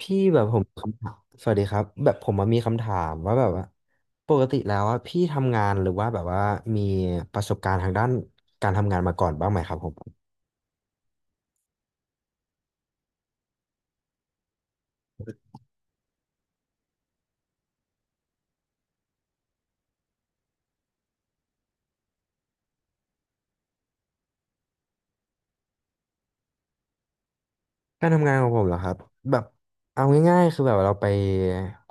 พี่แบบผมคำถามสวัสดีครับแบบผมมามีคำถามว่าแบบว่าปกติแล้วอะพี่ทำงานหรือว่าแบบว่ามีประสบการณ์ทางด้านการทำงานมาก่อนบ้างไหมครับผม การทำงานของผมเหรอครับแบบเอาง่ายๆคือแบบเราไป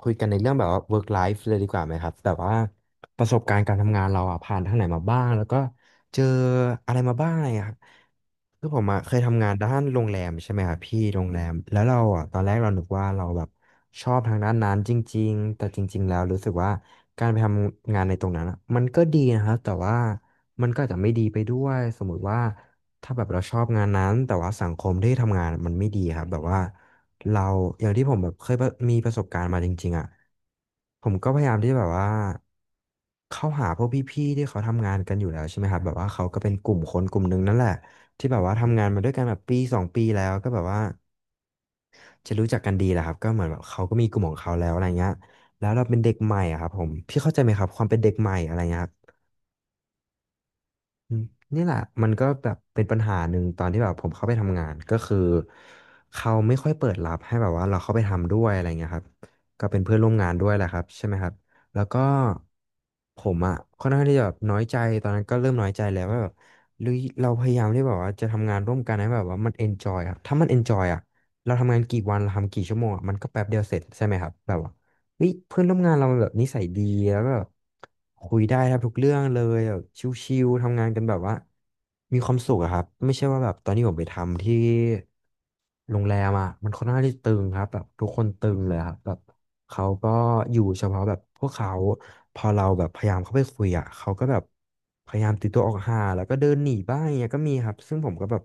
คุยกันในเรื่องแบบว่า work life เลยดีกว่าไหมครับแบบว่าประสบการณ์การทำงานเราอะผ่านทางไหนมาบ้างแล้วก็เจออะไรมาบ้างอะไรอย่างเงี้ยครับคือผมอะเคยทำงานด้านโรงแรมใช่ไหมครับพี่โรงแรมแล้วเราอะตอนแรกเรานึกว่าเราแบบชอบทางด้านนั้นจริงๆแต่จริงๆแล้วรู้สึกว่าการไปทำงานในตรงนั้นอะมันก็ดีนะครับแต่ว่ามันก็อาจจะไม่ดีไปด้วยสมมุติว่า ถ้าแบบเราชอบงานนั้นแต่ว่าสังคมที่ทำงานมันไม่ดีครับแบบว่าเราอย่างที่ผมแบบเคยประมีประสบการณ์มาจริงๆอ่ะผมก็พยายามที่แบบว่าเข้าหาพวกพี่ๆที่เขาทำงานกันอยู่แล้วใช่ไหมครับแบบว่าเขาก็เป็นกลุ่มคนกลุ่มหนึ่งนั่นแหละที่แบบว่าทำงานมาด้วยกันแบบปีสองปีแล้วก็แบบว่าจะรู้จักกันดีแหละครับก็เหมือนแบบเขาก็มีกลุ่มของเขาแล้วอะไรเงี้ยแล้วเราเป็นเด็กใหม่อะครับผมพี่เข้าใจไหมครับความเป็นเด็กใหม่อะไรเงี้ยครับ อืมนี่แหละมันก็แบบเป็นปัญหาหนึ่งตอนที่แบบผมเข้าไปทำงานก็คือเขาไม่ค่อยเปิดรับให้แบบว่าเราเข้าไปทำด้วยอะไรเงี้ยครับก็เป็นเพื่อนร่วมงานด้วยแหละครับใช่ไหมครับแล้วก็ผมอ่ะค่อนข้างที่จะแบบน้อยใจตอนนั้นก็เริ่มน้อยใจแล้วว่าแบบหรือเราพยายามที่แบบว่าจะทำงานร่วมกันให้แบบว่ามันเอนจอยครับถ้ามันเอนจอยอ่ะเราทำงานกี่วันเราทำกี่ชั่วโมงอะมันก็แป๊บเดียวเสร็จใช่ไหมครับแบบว่า เฮ้ยเพื่อนร่วมงานเรามันแบบนิสัยดีแล้วก็แบบคุยได้ครับทุกเรื่องเลยแบบชิวๆทำงานกันแบบว่ามีความสุขอะครับไม่ใช่ว่าแบบตอนนี้ผมไปทำที่โรงแรมอะมันค่อนข้างที่ตึงครับแบบทุกคนตึงเลยครับแบบเขาก็อยู่เฉพาะแบบพวกเขาพอเราแบบพยายามเข้าไปคุยอะเขาก็แบบพยายามตีตัวออกห่างแล้วก็เดินหนีบ้างอย่างเงี้ยก็มีครับซึ่งผมก็แบบ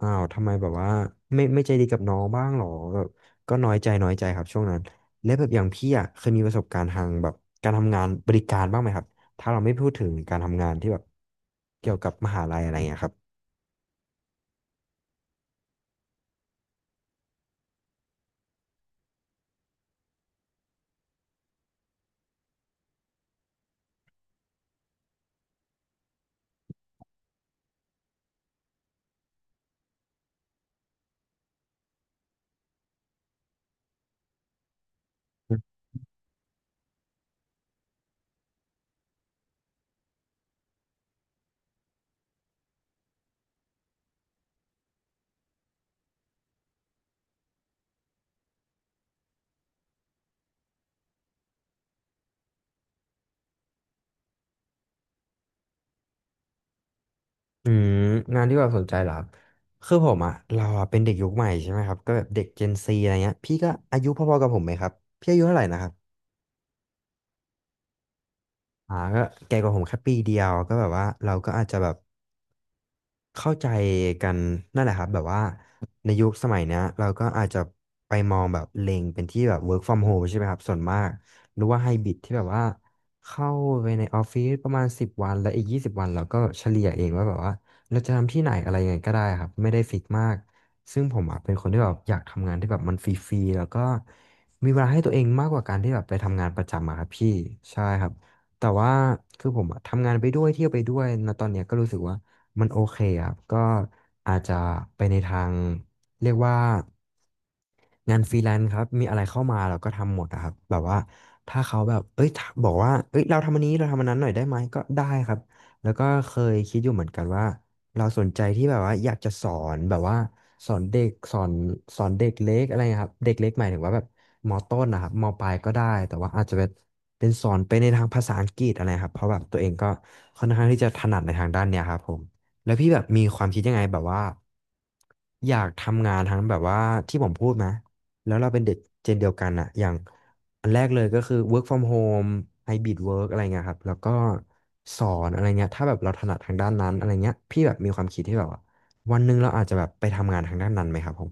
อ้าวทำไมแบบว่าไม่ไม่ใจดีกับน้องบ้างหรอแบบก็น้อยใจน้อยใจครับช่วงนั้น และแบบอย่างพี่อ่ะเคยมีประสบการณ์ทางแบบการทำงานบริการบ้างไหมครับถ้าเราไม่พูดถึงการทำงานที่แบบเกี่ยวกับมหาลัยอะไรเงี้ยครับอืมงานที่แบบสนใจเหรอครับคือผมอ่ะเราอะเป็นเด็กยุคใหม่ใช่ไหมครับก็แบบเด็ก Gen Z อะไรเงี้ยพี่ก็อายุพอๆกับผมไหมครับพี่อายุเท่าไหร่นะครับก็แก่กว่าผมแค่ปีเดียวก็แบบว่าเราก็อาจจะแบบ เข้าใจกันนั่นแหละครับแบบว่าในยุคสมัยเนี้ยเราก็อาจจะไปมองแบบเล็งเป็นที่แบบ work from home ใช่ไหมครับส่วนมากหรือว่าไฮบริดที่แบบว่าเข้าไปในออฟฟิศประมาณสิบวันแล้วอีก20 วันเราก็เฉลี่ยเองว่าแบบว่าเราจะทำที่ไหนอะไรยังไงก็ได้ครับไม่ได้ฟิกมากซึ่งผมอ่ะเป็นคนที่แบบอยากทำงานที่แบบมันฟรีๆแล้วก็มีเวลาให้ตัวเองมากกว่าการที่แบบไปทำงานประจำอะครับพี่ใช่ครับแต่ว่าคือผมอะทำงานไปด้วยเที่ยวไปด้วยนะตอนเนี้ยก็รู้สึกว่า มันโอเคครับ ก็อาจจะไปในทางเรียกว่างานฟรีแลนซ์ครับมีอะไรเข้ามาเราก็ทำหมดอะครับแบบว่าถ้าเขาแบบเอ้ยถ้าบอกว่าเอ้ยเราทำอันนี้เราทำอันนั้นหน่อยได้ไหมก็ได้ครับแล้วก็เคยคิดอยู่เหมือนกันว่าเราสนใจที่แบบว่าอยากจะสอนแบบว่าสอนเด็กสอนเด็กเล็กอะไรนะครับเด็กเล็กหมายถึงว่าแบบมต้นนะครับมปลายก็ได้แต่ว่าอาจจะเป็นเป็นสอนไปในทางภาษาอังกฤษอะไรครับเพราะแบบตัวเองก็ค่อนข้างที่จะถนัดในทางด้านเนี้ยครับผม แล้วพี่แบบมีความคิดยังไงแบบว่าอยากทำงานทั้งแบบว่าที่ผมพูดนะแล้วเราเป็นเด็กเจนเดียวกันอะอย่างอันแรกเลยก็คือ work from home hybrid work อะไรเงี้ยครับแล้วก็สอนอะไรเงี้ยถ้าแบบเราถนัดทางด้านนั้นอะไรเงี้ยพี่แบบมีความคิดที่แบบว่าวันหนึ่งเราอาจจะแบบไปทำงานทางด้านนั้นไหมครับผม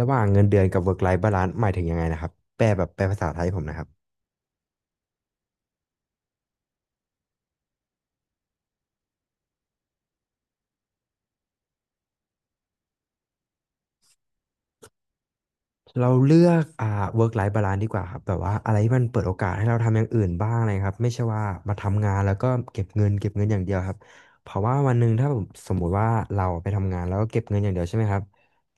ระหว่างเงินเดือนกับ work life balance หมายถึงยังไงนะครับแปลแบบแปลภาษาไทยให้ผมนะครับ เราเลือกwork life balance ดีกว่าครับแบบว่าอะไรที่มันเปิดโอกาสให้เราทำอย่างอื่นบ้างอะไรครับไม่ใช่ว่ามาทำงานแล้วก็เก็บเงินเก็บเงินอย่างเดียวครับเพราะว่าวันหนึ่งถ้าผมสมมุติว่าเราไปทำงานแล้วก็เก็บเงินอย่างเดียวใช่ไหมครับ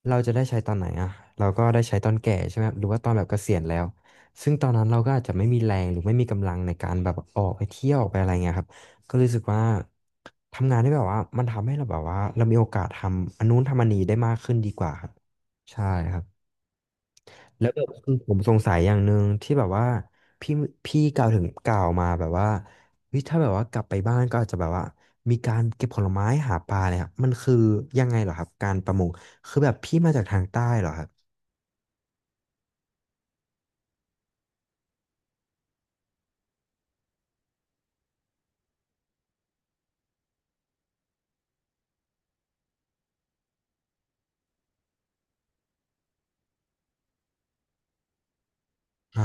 เราจะได้ใช้ตอนไหนอ่ะเราก็ได้ใช้ตอนแก่ใช่ไหมครับหรือว่าตอนแบบเกษียณแล้วซึ่งตอนนั้นเราก็อาจจะไม่มีแรงหรือไม่มีกำลังในการแบบออกไปเที่ยวออกไปอะไรเงี้ยครับก็รู้สึกว่าทำงานได้แบบว่ามันทำให้เราแบบว่าเรามีโอกาสทำอันนู้นทำอันนี้ได้มากขึ้นดีกว่าครับใช่ครับ แล้วแบบคือผมสงสัยอย่างหนึ่งที่แบบว่าพี่พี่กล่าวถึงกล่าวมาแบบว่าเฮ้ยถ้าแบบว่ากลับไปบ้านก็อาจจะแบบว่ามีการเก็บผลไม้หาปลาเนี่ยครับมันคือยังไงเหรอครับการประมงคือแบบพี่มาจากทางใต้เหรอครับอ่า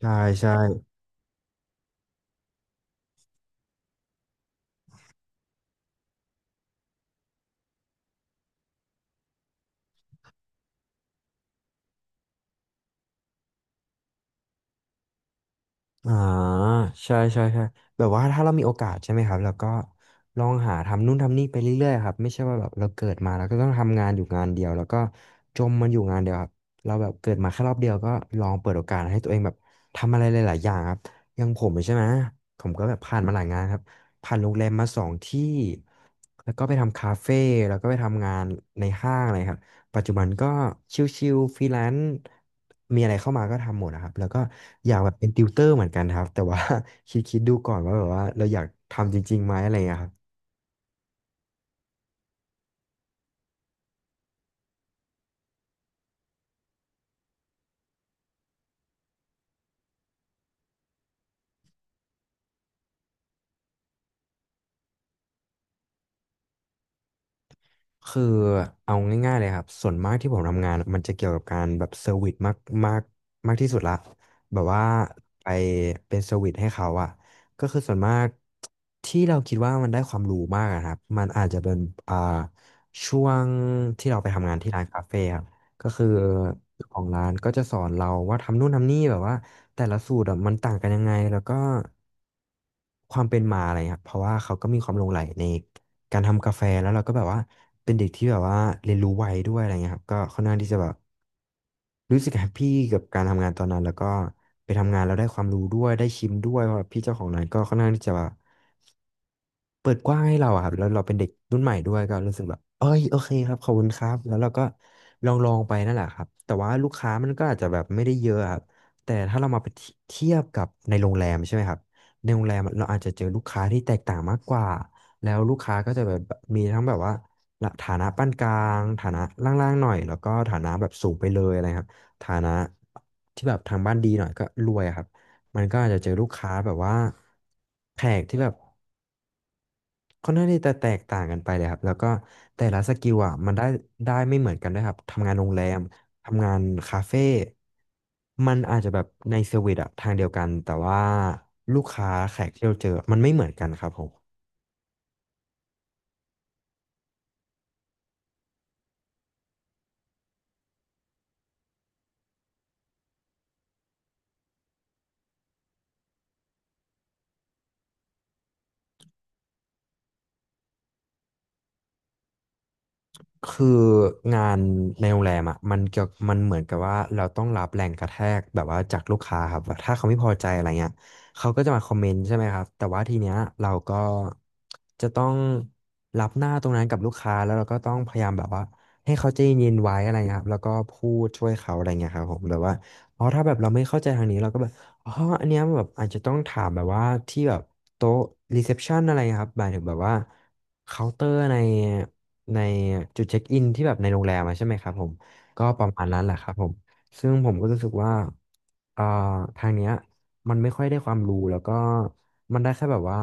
ใช่ใช่ อ่าใช่ใช่ใช่แบบว่าถ้าเรามีโอกาสใช่ไหมครับแล้วก็ลองหาทำนู่นทำนี่ไปเรื่อยๆครับไม่ใช่ว่าแบบเราเกิดมาแล้วก็ต้องทำงานอยู่งานเดียวแล้วก็จมมันอยู่งานเดียวครับเราแบบเกิดมาแค่รอบเดียวก็ลองเปิดโอกาสให้ตัวเองแบบทำอะไรหลายๆอย่างครับอย่างผมใช่ไหมผมก็แบบผ่านมาหลายงานครับผ่านโรงแรมมาสองที่แล้วก็ไปทำคาเฟ่แล้วก็ไปทำงานในห้างอะไรครับ ปัจจุบันก็ชิลๆฟรีแลนซ์มีอะไรเข้ามาก็ทำหมดนะครับ แล้วก็อยากแบบเป็นติวเตอร์เหมือนกันครับ แต่ว่า คิดๆดูก่อนว่าแบบว่าเราอยากทำจริงๆไหมอะไรอย่างเงี้ยครับ คือเอาง่ายๆเลยครับส่วนมากที่ผมทำงานอะมันจะเกี่ยวกับการแบบเซอร์วิสมากมากมากที่สุดละแบบว่าไปเป็นเซอร์วิสให้เขาอะก็คือส่วนมากที่เราคิดว่ามันได้ความรู้มากอะครับมันอาจจะเป็นอ่าช่วงที่เราไปทำงานที่ร้านคาเฟ่ครับก็คือเจ้าของร้านก็จะสอนเราว่าทำนู่นทำนี่แบบว่าแต่ละสูตรอะมันต่างกันยังไงแล้วก็ ความเป็นมาอะไรครับเพราะว่าเขาก็มีความหลงใหลในการทำกาแฟแล้วเราก็แบบว่าเป็นเด็กที่แบบว่าเรียนรู้ไวด้วยอะไรเงี้ยครับก็ค่อนข้างที่จะแบบรู้สึกแฮปปี้กับการทำงานตอนนั้นแล้วก็ไปทำงานแล้วได้ความรู้ด้วยได้ชิมด้วยเพราะว่าพี่เจ้าของร้านก็ค่อนข้างที่จะแบบ เปิดกว้างให้เราอะครับแล้วเราเป็นเด็กรุ่นใหม่ด้วยก็รู้สึกแบบเอ้ยโอเคครับขอบคุณครับแล้วเราก็ลองไปนั่นแหละครับแต่ว่าลูกค้ามันก็อาจจะแบบไม่ได้เยอะครับแต่ถ้าเรามาเทียบกับในโรงแรมใช่ไหมครับในโรงแรมเราอาจจะเจอลูกค้าที่แตกต่างมากกว่าแล้วลูกค้าก็จะแบบมีทั้งแบบว่าฐานะปานกลางฐานะล่างๆหน่อยแล้วก็ฐานะแบบสูงไปเลยอะไรครับฐานะที่แบบทางบ้านดีหน่อยก็รวยอะครับมันก็อาจจะเจอลูกค้าแบบว่าแขกที่แบบ ค่อนข้างที่จะแตกต่างกันไปเลยครับแล้วก็แต่ละสกิลอ่ะมันได้ไม่เหมือนกันด้วยครับทำงานโรงแรมทำงานคาเฟ่มันอาจจะแบบในเซอร์วิสอะทางเดียวกันแต่ว่าลูกค้าแขกที่เราเจอมันไม่เหมือนกันครับผม คืองานในโรงแรมอ่ะมันเกี่ยวมันเหมือนกับว่าเราต้องรับแรงกระแทกแบบว่าจากลูกค้าครับว่าถ้าเขาไม่พอใจอะไรเงี้ยเขาก็จะมาคอมเมนต์ใช่ไหมครับแต่ว่าทีเนี้ยเราก็จะต้องรับหน้าตรงนั้นกับลูกค้าแล้วเราก็ต้องพยายามแบบว่าให้เขาใจเย็นๆไว้อะไรเงี้ยครับแล้วก็พูดช่วยเขาอะไรเงี้ยครับผมหรือว่าอ๋อถ้าแบบเราไม่เข้าใจทางนี้เราก็แบบอ๋ออันเนี้ยแบบอาจจะต้องถามแบบว่าที่แบบโต๊ะรีเซพชันอะไรเงี้ยครับหมายถึงแบบว่าเคาน์เตอร์ใน ในจุดเช็คอินที่แบบในโรงแรมอะใช่ไหมครับผมก็ประมาณนั้นแหละครับผมซึ่งผมก็รู้สึกว่าเอ่อทางเนี้ยมันไม่ค่อยได้ความรู้แล้วก็มันได้แค่แบบว่า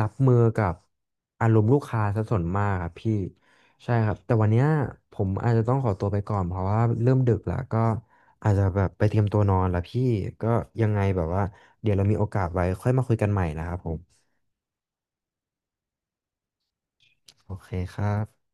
รับมือกับอารมณ์ลูกค้าซะส่วนมากครับพี่ใช่ครับแต่วันเนี้ยผมอาจจะต้องขอตัวไปก่อนเพราะว่าเริ่มดึกแล้วก็อาจจะแบบไปเตรียมตัวนอนแล้วพี่ก็ยังไงแบบว่าเดี๋ยวเรามีโอกาสไว้ค่อยมาคุยกันใหม่นะครับผมโอเคครับ